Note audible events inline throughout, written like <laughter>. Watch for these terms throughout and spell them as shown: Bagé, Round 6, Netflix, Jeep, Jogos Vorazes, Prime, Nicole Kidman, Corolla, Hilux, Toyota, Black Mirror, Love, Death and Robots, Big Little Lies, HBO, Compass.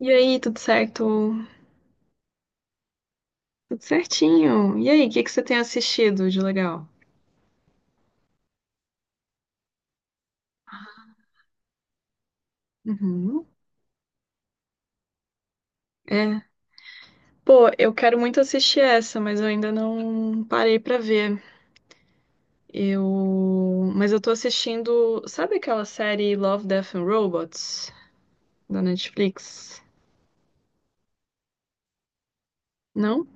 E aí, tudo certo? Tudo certinho. E aí, o que que você tem assistido de legal? Uhum. É. Pô, eu quero muito assistir essa, mas eu ainda não parei pra ver. Eu, mas eu tô assistindo, sabe aquela série Love, Death and Robots da Netflix? Não?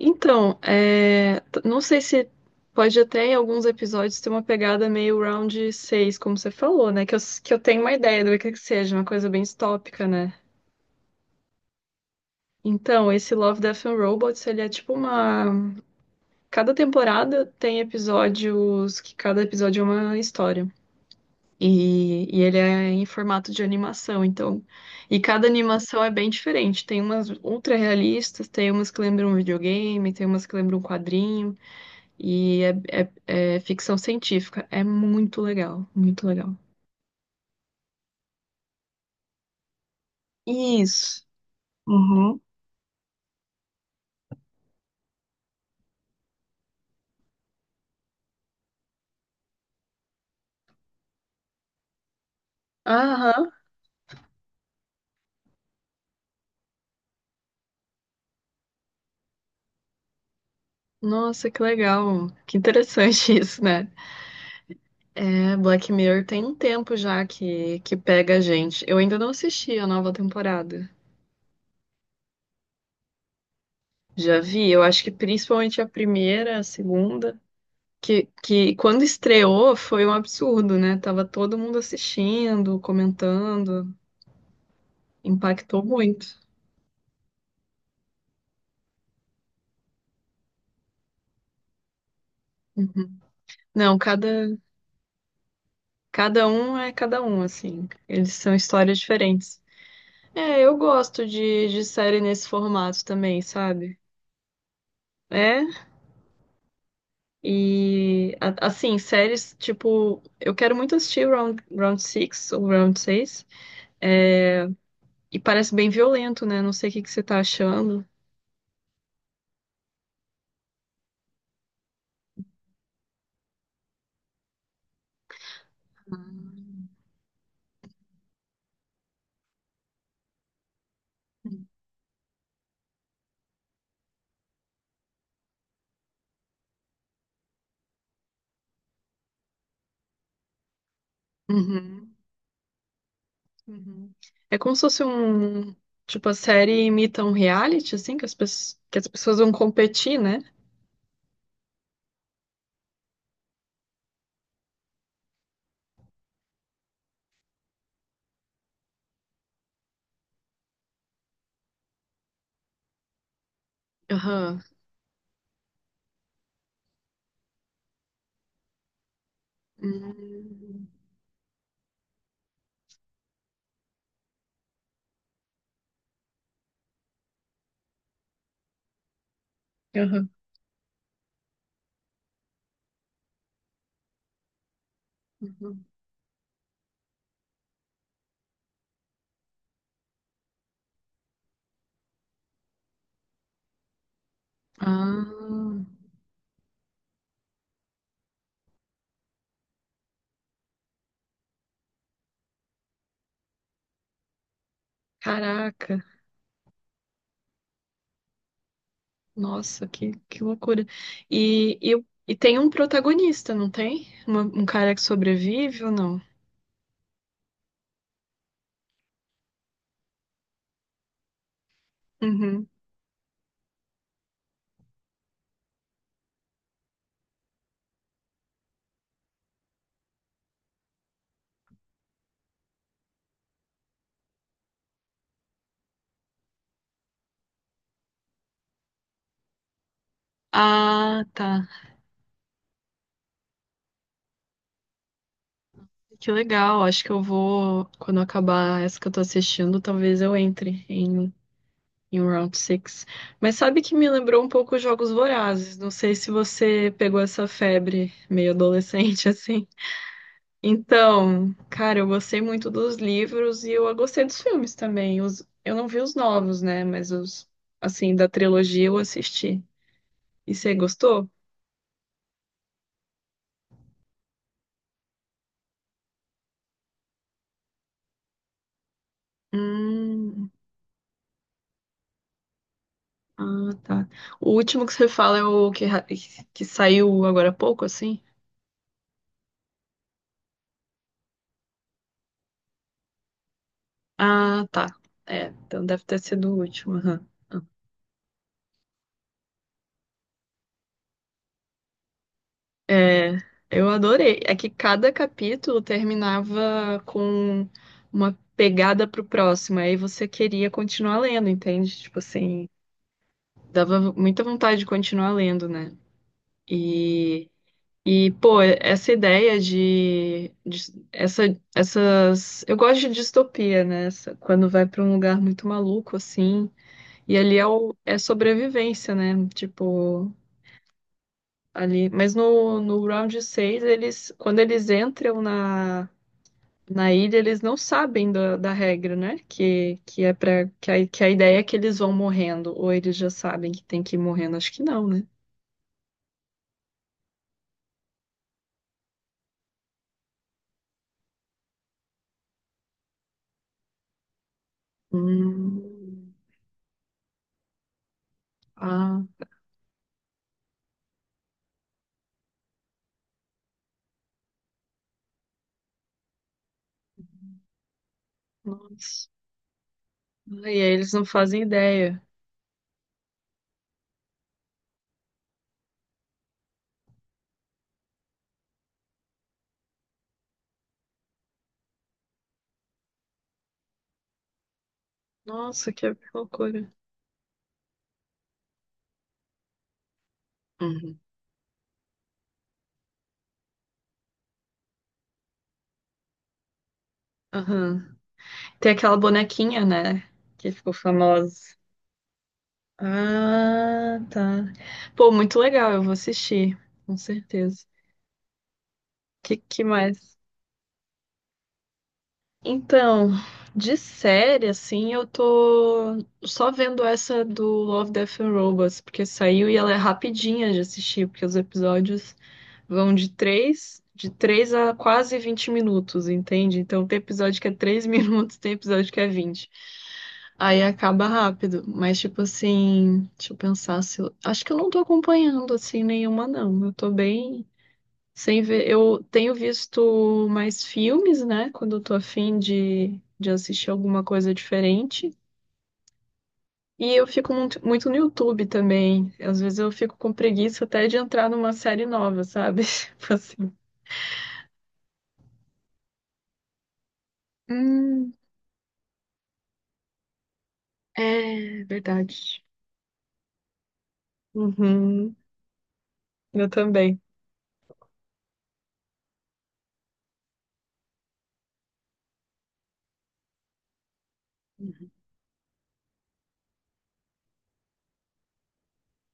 Então, não sei se pode até em alguns episódios ter uma pegada meio round seis, como você falou, né? Que eu tenho uma ideia do que seja, uma coisa bem distópica, né? Então, esse Love, Death and Robots, ele é tipo uma. Cada temporada tem episódios que cada episódio é uma história. E ele é em formato de animação, então. E cada animação é bem diferente. Tem umas ultra realistas, tem umas que lembram um videogame, tem umas que lembram um quadrinho. E é, é ficção científica. É muito legal, muito legal. Isso. Uhum. Aham. Nossa, que legal. Que interessante <laughs> isso, né? É, Black Mirror tem um tempo já que pega a gente. Eu ainda não assisti a nova temporada. Já vi, eu acho que principalmente a primeira, a segunda, que quando estreou foi um absurdo, né? Tava todo mundo assistindo, comentando, impactou muito. Uhum. Não, cada um é cada um, assim. Eles são histórias diferentes. É, eu gosto de série nesse formato também, sabe? É, E, assim, séries, tipo, eu quero muito assistir Round 6 ou Round seis e parece bem violento, né? Não sei o que que você tá achando. Uhum, uhum. É como se fosse um. Tipo, a série imita um reality, assim, que as, que as pessoas vão competir, né? Aham. Hum. Aham. Uhum. Ah, caraca. Nossa, que loucura. E, e, e tem um protagonista, não tem? Um cara que sobrevive ou não? Uhum. Ah, tá. Que legal. Acho que eu vou, quando eu acabar essa que eu tô assistindo, talvez em um Round six. Mas sabe que me lembrou um pouco os Jogos Vorazes. Não sei se você pegou essa febre meio adolescente, <laughs> assim. Então, cara, eu gostei muito dos livros e eu gostei dos filmes também. Os, eu não vi os novos, né? Mas os, assim, da trilogia eu assisti. E você gostou? Hum, ah, tá. O último que você fala é o que, que saiu agora há pouco, assim? Ah, tá. É, então deve ter sido o último. Aham. É, eu adorei. É que cada capítulo terminava com uma pegada pro próximo, aí você queria continuar lendo, entende? Tipo assim, dava muita vontade de continuar lendo, né? E, e pô, essa ideia essas. Eu gosto de distopia, né? Essa- quando vai pra um lugar muito maluco, assim. E ali é sobrevivência, né? Tipo. Ali. Mas no round seis eles, quando eles entram na ilha, eles não sabem da regra, né? Que é para que que a ideia é que eles vão morrendo, ou eles já sabem que tem que ir morrendo. Acho que não, né? Hum, ah, nossa. Ah, e aí eles não fazem ideia. Nossa, que loucura. Uhum. Aham. Tem aquela bonequinha, né? Que ficou famosa. Ah, tá. Pô, muito legal, eu vou assistir, com certeza. Que mais? Então, de série, assim, eu tô só vendo essa do Love, Death and Robots, porque saiu e ela é rapidinha de assistir, porque os episódios vão de três a quase 20 minutos, entende? Então tem episódio que é três <laughs> minutos, tem episódio que é vinte. Aí acaba rápido, mas tipo assim, deixa eu pensar se eu... Acho que eu não tô acompanhando assim nenhuma, não. Eu tô bem sem ver, eu tenho visto mais filmes, né? Quando eu tô afim de assistir alguma coisa diferente. E eu fico muito, muito no YouTube também. Às vezes eu fico com preguiça até de entrar numa série nova, sabe? <laughs> Tipo assim. Hum, é verdade. Uhum, eu também.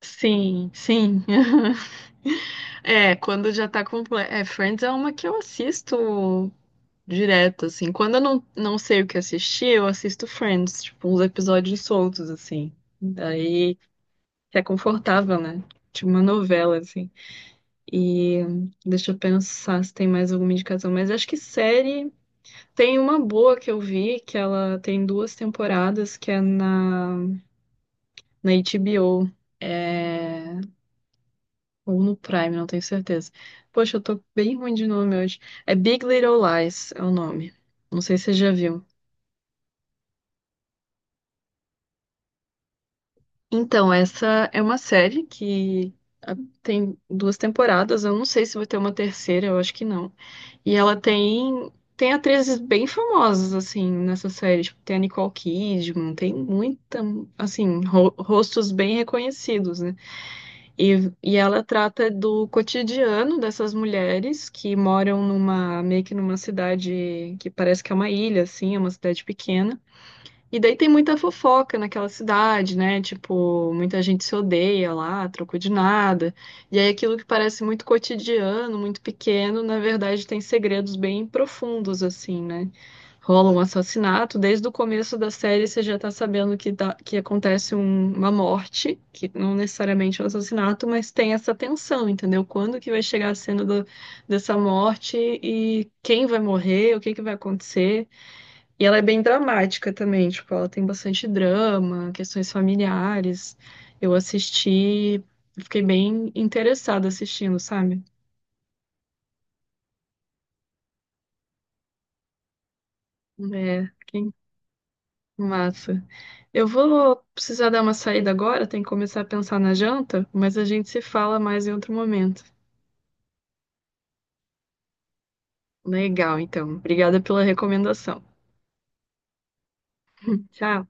Sim, sim. <laughs> É, quando já tá completo. É, Friends é uma que eu assisto direto, assim. Quando eu não sei o que assistir, eu assisto Friends, tipo, uns episódios soltos, assim. Daí é confortável, né? Tipo uma novela, assim. E deixa eu pensar se tem mais alguma indicação. Mas acho que série. Tem uma boa que eu vi, que ela tem duas temporadas, que é na HBO. É... Ou no Prime, não tenho certeza. Poxa, eu tô bem ruim de nome hoje. É Big Little Lies, é o nome. Não sei se você já viu. Então, essa é uma série que ah, tem duas temporadas. Eu não sei se vai ter uma terceira, eu acho que não. E ela tem atrizes bem famosas assim nessa série, tipo, tem a Nicole Kidman, tem muita assim rostos bem reconhecidos, né? E ela trata do cotidiano dessas mulheres que moram numa meio que numa cidade que parece que é uma ilha, assim, é uma cidade pequena. E daí tem muita fofoca naquela cidade, né? Tipo, muita gente se odeia lá, trocou de nada. E aí aquilo que parece muito cotidiano, muito pequeno, na verdade tem segredos bem profundos, assim, né? Rola um assassinato, desde o começo da série você já tá sabendo que acontece uma morte, que não necessariamente é um assassinato, mas tem essa tensão, entendeu? Quando que vai chegar a cena dessa morte e quem vai morrer, o que que vai acontecer. E ela é bem dramática também, tipo, ela tem bastante drama, questões familiares. Eu assisti, fiquei bem interessada assistindo, sabe? É, que massa. Eu vou precisar dar uma saída agora, tem que começar a pensar na janta, mas a gente se fala mais em outro momento. Legal, então. Obrigada pela recomendação. Tchau.